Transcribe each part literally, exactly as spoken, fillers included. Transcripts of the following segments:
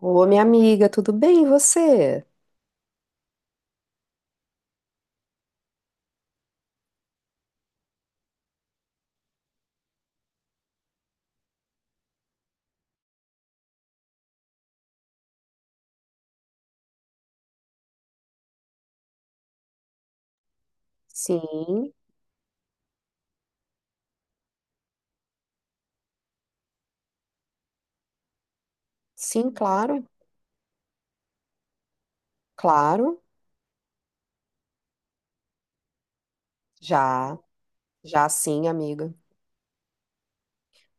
Ô, minha amiga, tudo bem, e você? Sim, sim, claro, claro, já, já sim, amiga.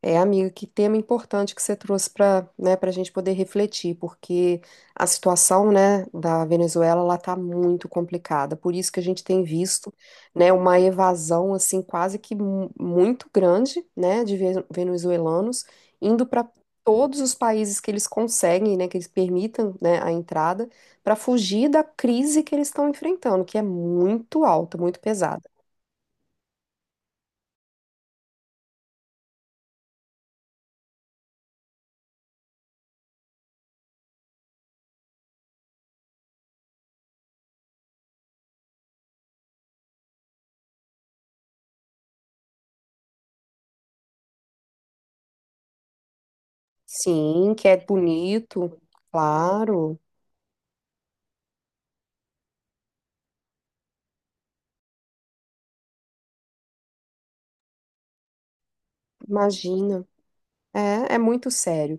É, amiga, que tema importante que você trouxe para, né, para a gente poder refletir, porque a situação, né, da Venezuela, ela está muito complicada. Por isso que a gente tem visto, né, uma evasão assim quase que mu- muito grande, né, de ve- venezuelanos indo para todos os países que eles conseguem, né, que eles permitam, né, a entrada, para fugir da crise que eles estão enfrentando, que é muito alta, muito pesada. Sim, que é bonito, claro. Imagina. É, é muito sério.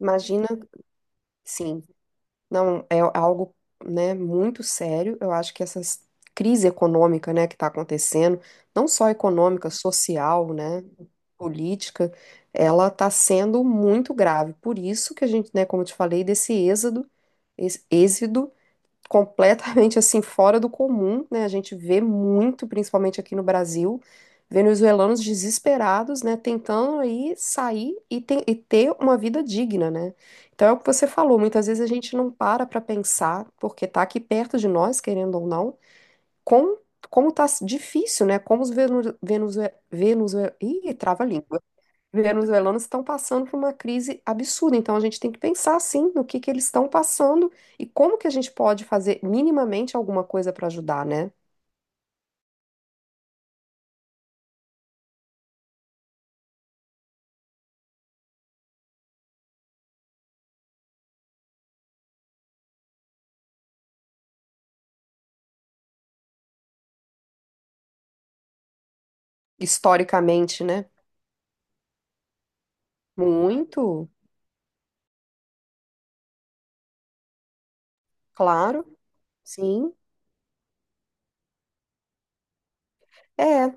Imagina, sim, não é algo, né, muito sério. Eu acho que essa crise econômica, né, que está acontecendo, não só econômica, social, né, política, ela está sendo muito grave. Por isso que a gente, né, como eu te falei, desse êxodo, êxodo completamente assim fora do comum, né? A gente vê muito, principalmente aqui no Brasil, venezuelanos desesperados, né, tentando aí sair e, te- e ter uma vida digna, né? Então é o que você falou, muitas vezes a gente não para para pensar, porque tá aqui perto de nós, querendo ou não, com como tá difícil, né? Como os venezuelanos, ih, trava a língua, venezuelanos estão passando por uma crise absurda. Então a gente tem que pensar assim no que que eles estão passando e como que a gente pode fazer minimamente alguma coisa para ajudar, né? Historicamente, né? Muito, claro, sim. É,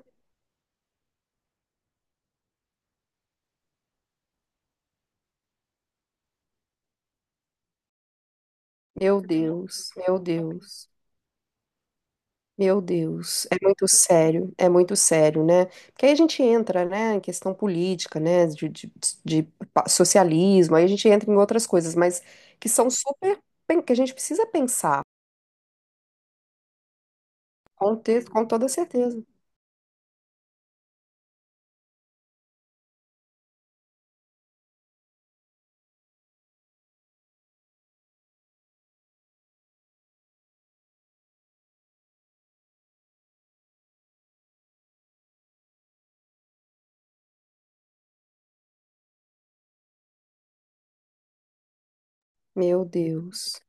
meu Deus, meu Deus. Meu Deus, é muito sério, é muito sério, né? Porque aí a gente entra, né, em questão política, né, de, de, de pa- socialismo, aí a gente entra em outras coisas, mas que são super, pen- que a gente precisa pensar. Com texto, com toda certeza. Meu Deus.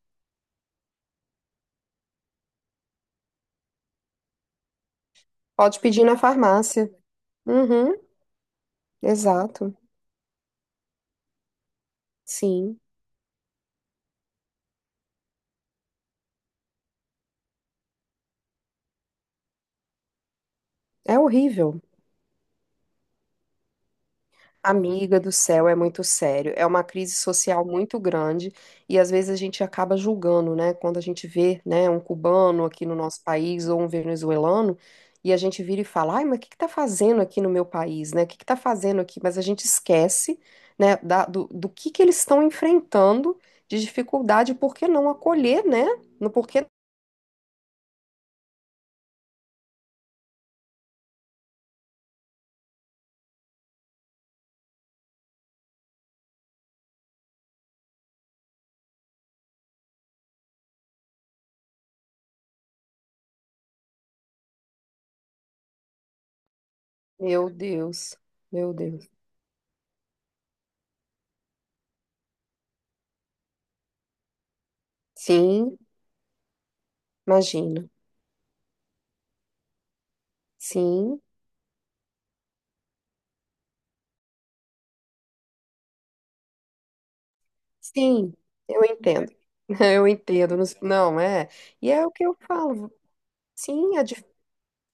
Pode pedir na farmácia. Uhum, exato. Sim. É horrível. Amiga do céu, é muito sério. É uma crise social muito grande e às vezes a gente acaba julgando, né? Quando a gente vê, né, um cubano aqui no nosso país ou um venezuelano e a gente vira e fala, ai, mas o que que tá fazendo aqui no meu país, né? O que que tá fazendo aqui? Mas a gente esquece, né, da- do, do que que eles estão enfrentando de dificuldade, por que não acolher, né? No porquê. Meu Deus, meu Deus. Sim, imagina. Sim. Sim, eu entendo. Eu entendo. Nos- Não, é. E é o que eu falo. Sim, é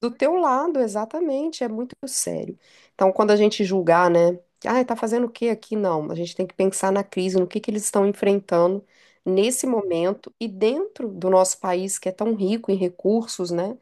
do teu lado, exatamente, é muito sério. Então, quando a gente julgar, né? Ah, tá fazendo o que aqui? Não, a gente tem que pensar na crise, no que que eles estão enfrentando nesse momento e dentro do nosso país, que é tão rico em recursos, né?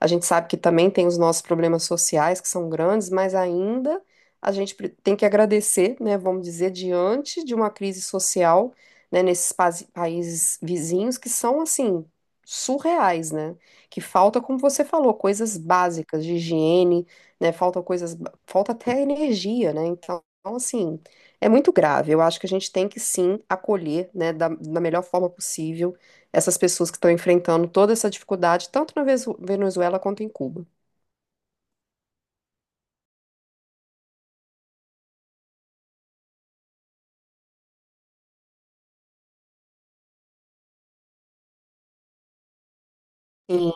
A gente sabe que também tem os nossos problemas sociais, que são grandes, mas ainda a gente pre- tem que agradecer, né? Vamos dizer, diante de uma crise social, né, nesses pa- países vizinhos que são, assim, surreais, né? Que falta, como você falou, coisas básicas de higiene, né? Falta coisas, falta até energia, né? Então, assim, é muito grave. Eu acho que a gente tem que sim acolher, né, da, da melhor forma possível essas pessoas que estão enfrentando toda essa dificuldade, tanto na Venezu- Venezuela quanto em Cuba. Sim,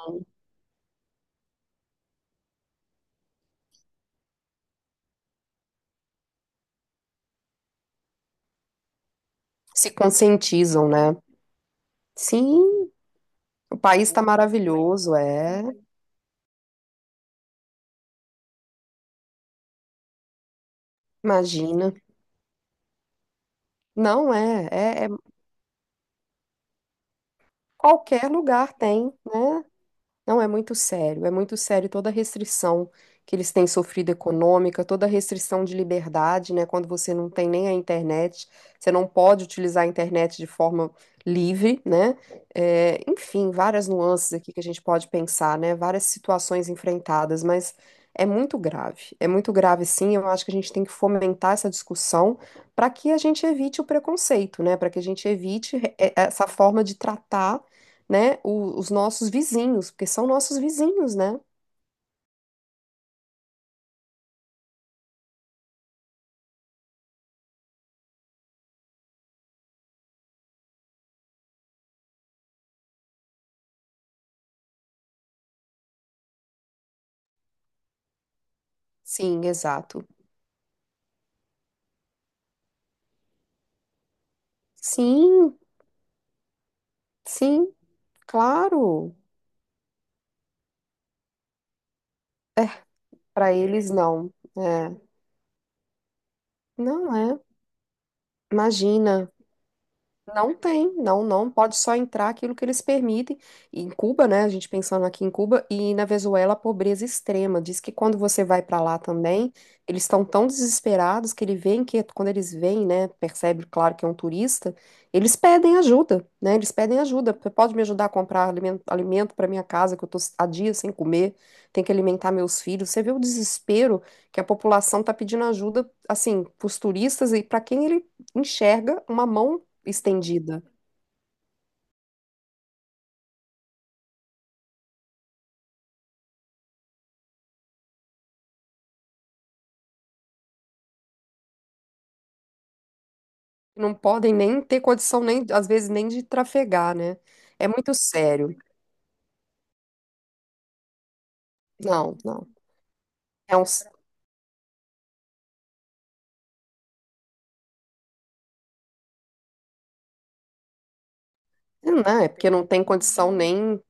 se conscientizam, né? Sim, o país está maravilhoso, é. Imagina. Não é, é, é. Qualquer lugar tem, né? Não, é muito sério, é muito sério toda a restrição que eles têm sofrido econômica, toda a restrição de liberdade, né? Quando você não tem nem a internet, você não pode utilizar a internet de forma livre, né? É, enfim, várias nuances aqui que a gente pode pensar, né? Várias situações enfrentadas, mas é muito grave, é muito grave sim. Eu acho que a gente tem que fomentar essa discussão para que a gente evite o preconceito, né? Para que a gente evite eh, essa forma de tratar, né, o- os nossos vizinhos, porque são nossos vizinhos, né? Sim, exato. Sim, sim, claro. Para eles não. É, não é. Imagina. Não tem, não, não. Pode só entrar aquilo que eles permitem. E em Cuba, né? A gente pensando aqui em Cuba e na Venezuela, a pobreza extrema. Diz que quando você vai para lá também, eles estão tão desesperados que ele vem que quando eles vêm, né? Percebe, claro, que é um turista, eles pedem ajuda, né? Eles pedem ajuda. Você pode me ajudar a comprar alimento, alimento para minha casa, que eu tô há dias sem comer, tenho que alimentar meus filhos. Você vê o desespero que a população tá pedindo ajuda, assim, para os turistas e para quem ele enxerga uma mão estendida. Não podem nem ter condição, nem, às vezes, nem de trafegar, né? É muito sério. Não, não. É um, não, é porque não tem condição nem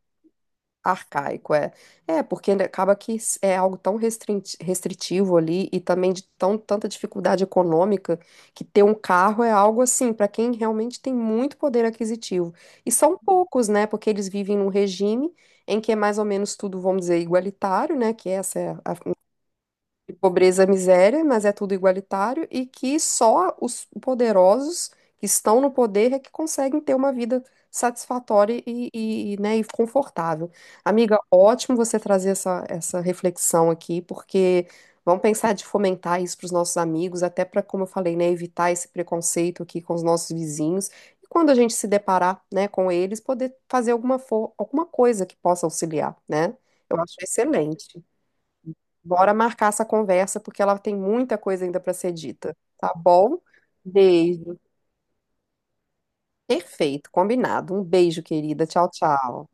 arcaico, é. É, porque acaba que é algo tão restrinti- restritivo ali e também de tão, tanta dificuldade econômica que ter um carro é algo assim, para quem realmente tem muito poder aquisitivo. E são poucos, né? Porque eles vivem num regime em que é mais ou menos tudo, vamos dizer, igualitário, né? Que essa é a de pobreza, miséria, mas é tudo igualitário e que só os poderosos que estão no poder é que conseguem ter uma vida satisfatória e, e, né, e confortável. Amiga, ótimo você trazer essa, essa reflexão aqui, porque vamos pensar de fomentar isso para os nossos amigos, até para, como eu falei, né, evitar esse preconceito aqui com os nossos vizinhos. E quando a gente se deparar, né, com eles, poder fazer alguma, fo- alguma coisa que possa auxiliar, né? Eu acho excelente. Bora marcar essa conversa, porque ela tem muita coisa ainda para ser dita. Tá bom? Beijo. Perfeito, combinado. Um beijo, querida. Tchau, tchau.